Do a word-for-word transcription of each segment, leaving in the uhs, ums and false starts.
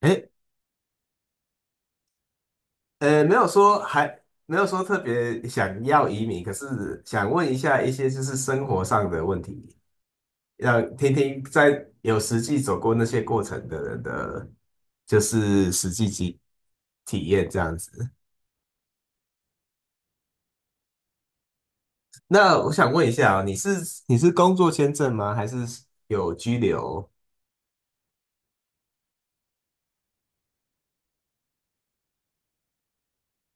诶，呃，没有说还没有说特别想要移民，可是想问一下一些就是生活上的问题，让听听在有实际走过那些过程的人的，就是实际体体验这样子。那我想问一下哦，你是你是工作签证吗？还是有居留？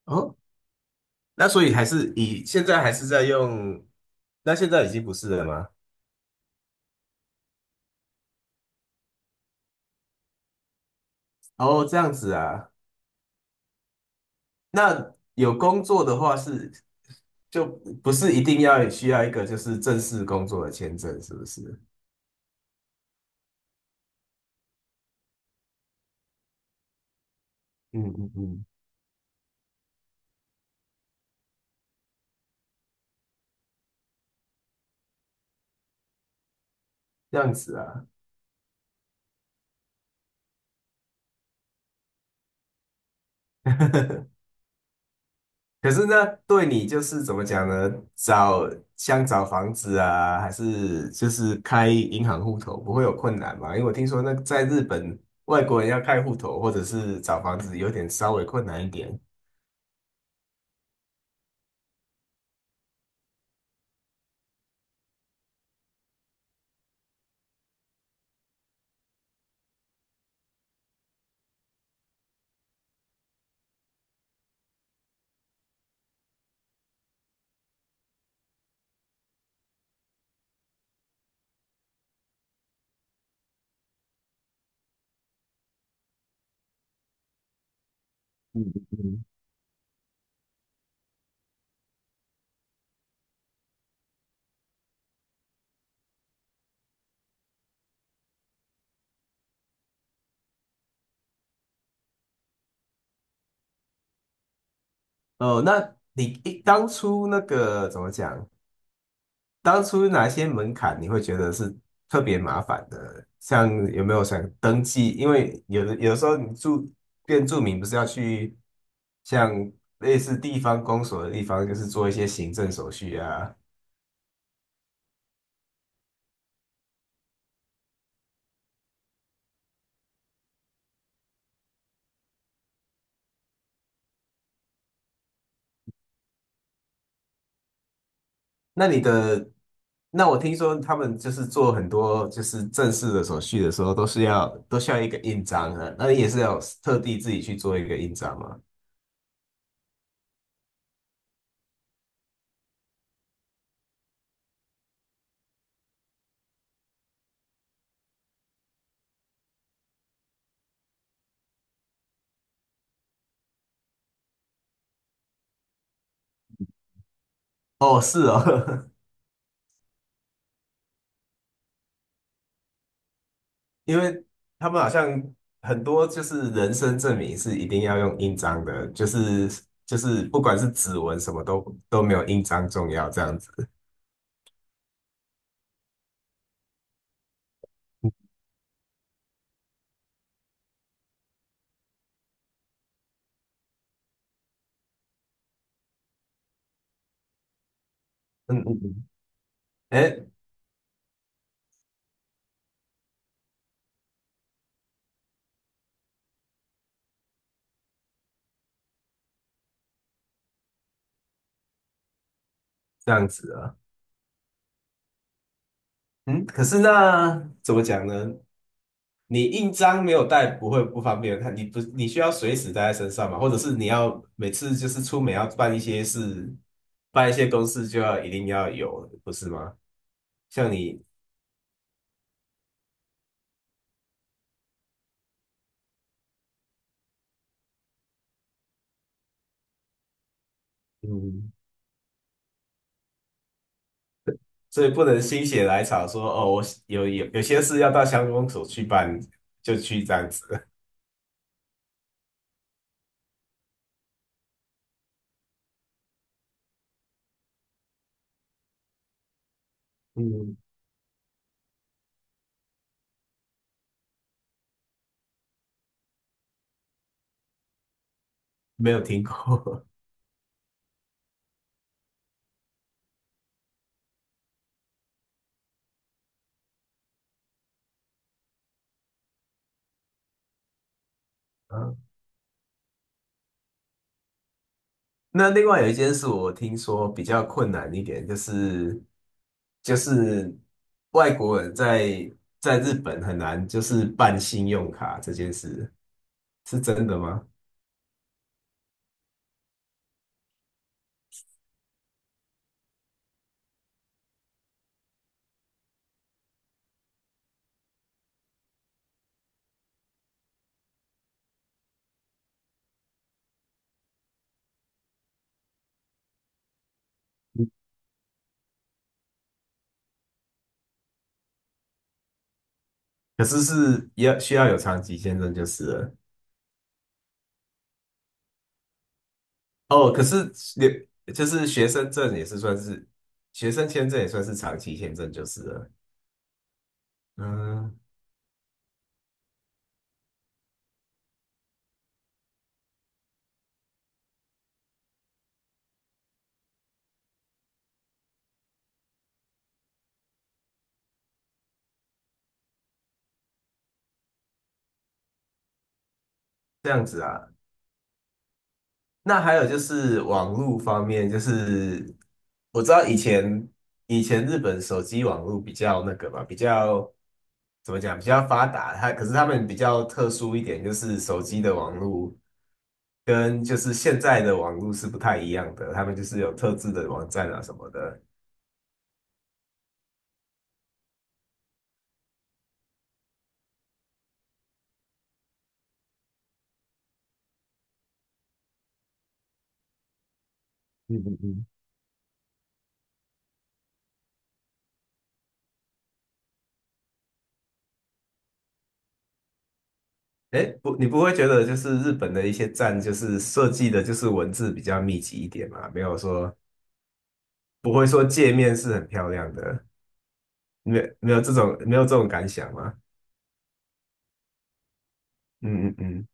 哦，那所以还是以现在还是在用，那现在已经不是了吗？哦，这样子啊。那有工作的话是就不是一定要需要一个就是正式工作的签证，是不是？嗯嗯嗯，这样子啊。可是呢，对你就是怎么讲呢？找像找房子啊，还是就是开银行户头，不会有困难吗？因为我听说那在日本，外国人要开户头或者是找房子，有点稍微困难一点。嗯嗯嗯。哦，那你一当初那个怎么讲？当初哪些门槛你会觉得是特别麻烦的？像有没有想登记？因为有的有时候你住变住民不是要去像类似地方公所的地方，就是做一些行政手续啊。那你的，那我听说他们就是做很多就是正式的手续的时候，都是要都需要一个印章的。那你也是要特地自己去做一个印章吗？哦，是哦，因为他们好像很多就是人生证明是一定要用印章的，就是就是不管是指纹什么都都没有印章重要这样子。嗯嗯嗯，哎，这样子啊，嗯，可是那怎么讲呢？你印章没有带不会不方便，看你不你需要随时带在身上嘛，或者是你要每次就是出门要办一些事，办一些公事就要一定要有，不是吗？像你，嗯，所以不能心血来潮说哦，我有有有些事要到乡公所去办，就去这样子。嗯 没有听过。嗯，那另外有一件事我听说比较困难一点，就是就是外国人在在日本很难就是办信用卡这件事是真的吗？可是是也需要有长期签证就是了。哦，可是留就是学生证也是算是学生签证也算是长期签证就是了。嗯，这样子啊。那还有就是网络方面，就是我知道以前以前日本手机网络比较那个嘛，比较怎么讲，比较发达。它可是他们比较特殊一点，就是手机的网络跟就是现在的网络是不太一样的，他们就是有特制的网站啊什么的。嗯嗯嗯。哎，不，你不会觉得就是日本的一些站就是设计的，就是文字比较密集一点嘛？没有说不会说界面是很漂亮的。没有没有这种没有这种感想吗？嗯嗯嗯，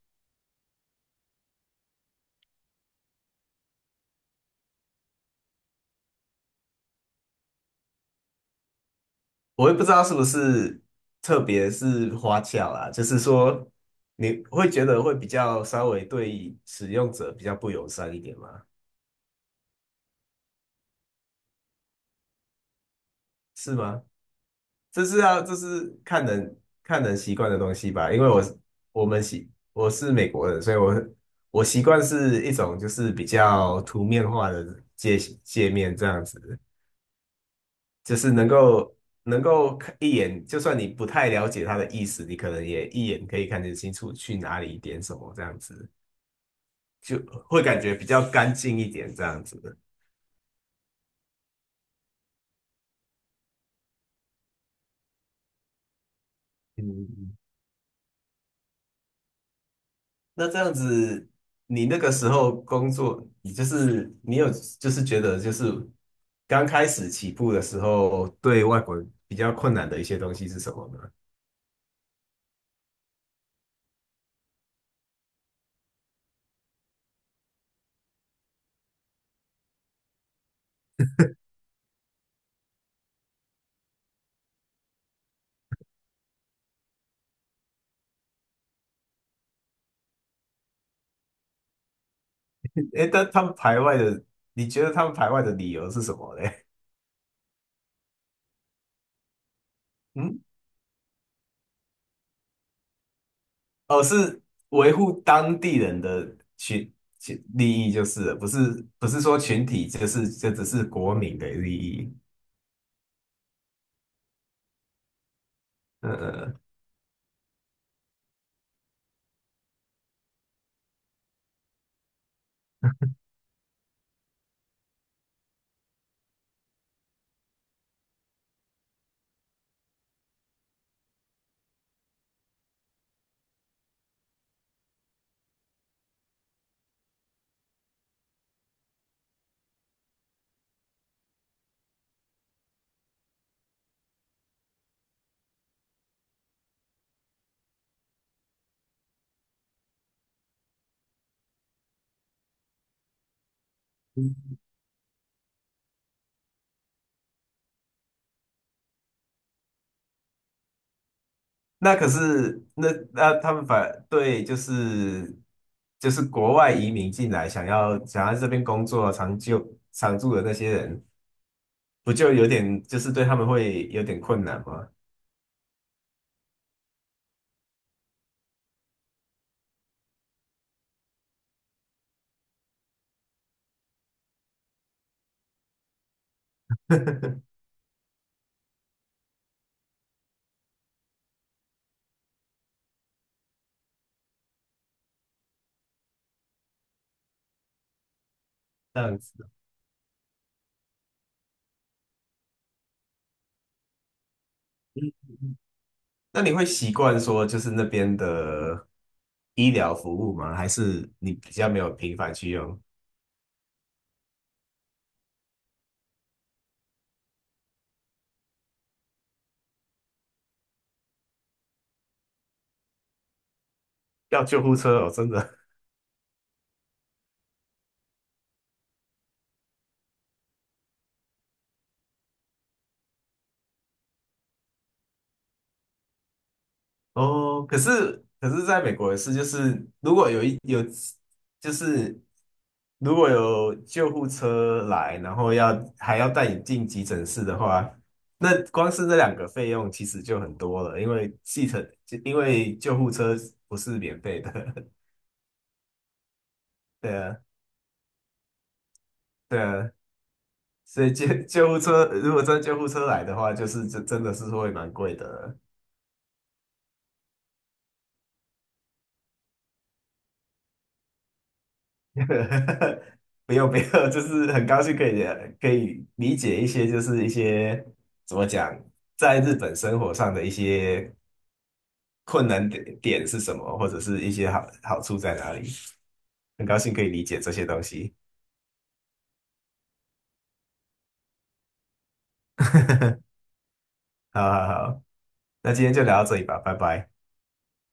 我也不知道是不是，特别是花俏啊，就是说你会觉得会比较稍微对使用者比较不友善一点吗？是吗？这是要这是看人看人习惯的东西吧，因为我我们习我是美国人，所以我我习惯是一种就是比较图面化的界界面这样子。就是能够能够看一眼，就算你不太了解他的意思，你可能也一眼可以看得清楚去哪里点什么，这样子就会感觉比较干净一点，这样子的。嗯，那这样子，你那个时候工作，你就是你有就是觉得就是刚开始起步的时候，对外国人比较困难的一些东西是什么呢？诶，但他们排外的，你觉得他们排外的理由是什么嘞？嗯。哦，是维护当地人的群群利益就是了，不是不是说群体，就是就只是国民的利益。呃，嗯嗯那可是那那他们反对就是就是国外移民进来，想要想要这边工作长久常住的那些人，不就有点就是对他们会有点困难吗？这样子，那你会习惯说就是那边的医疗服务吗？还是你比较没有频繁去用？要救护车哦，真的哦。可是可是，在美国也是，就是如果有一有，就是如果有救护车来，然后要还要带你进急诊室的话，那光是那两个费用其实就很多了，因为系统因为救护车不是免费的，对啊对啊，所以救救护车如果真救护车来的话，就是真真的是会蛮贵的。没有没有，就是很高兴可以可以理解一些，就是一些怎么讲，在日本生活上的一些困难点点是什么，或者是一些好好处在哪里。很高兴可以理解这些东西。好好好，那今天就聊到这里吧，拜拜。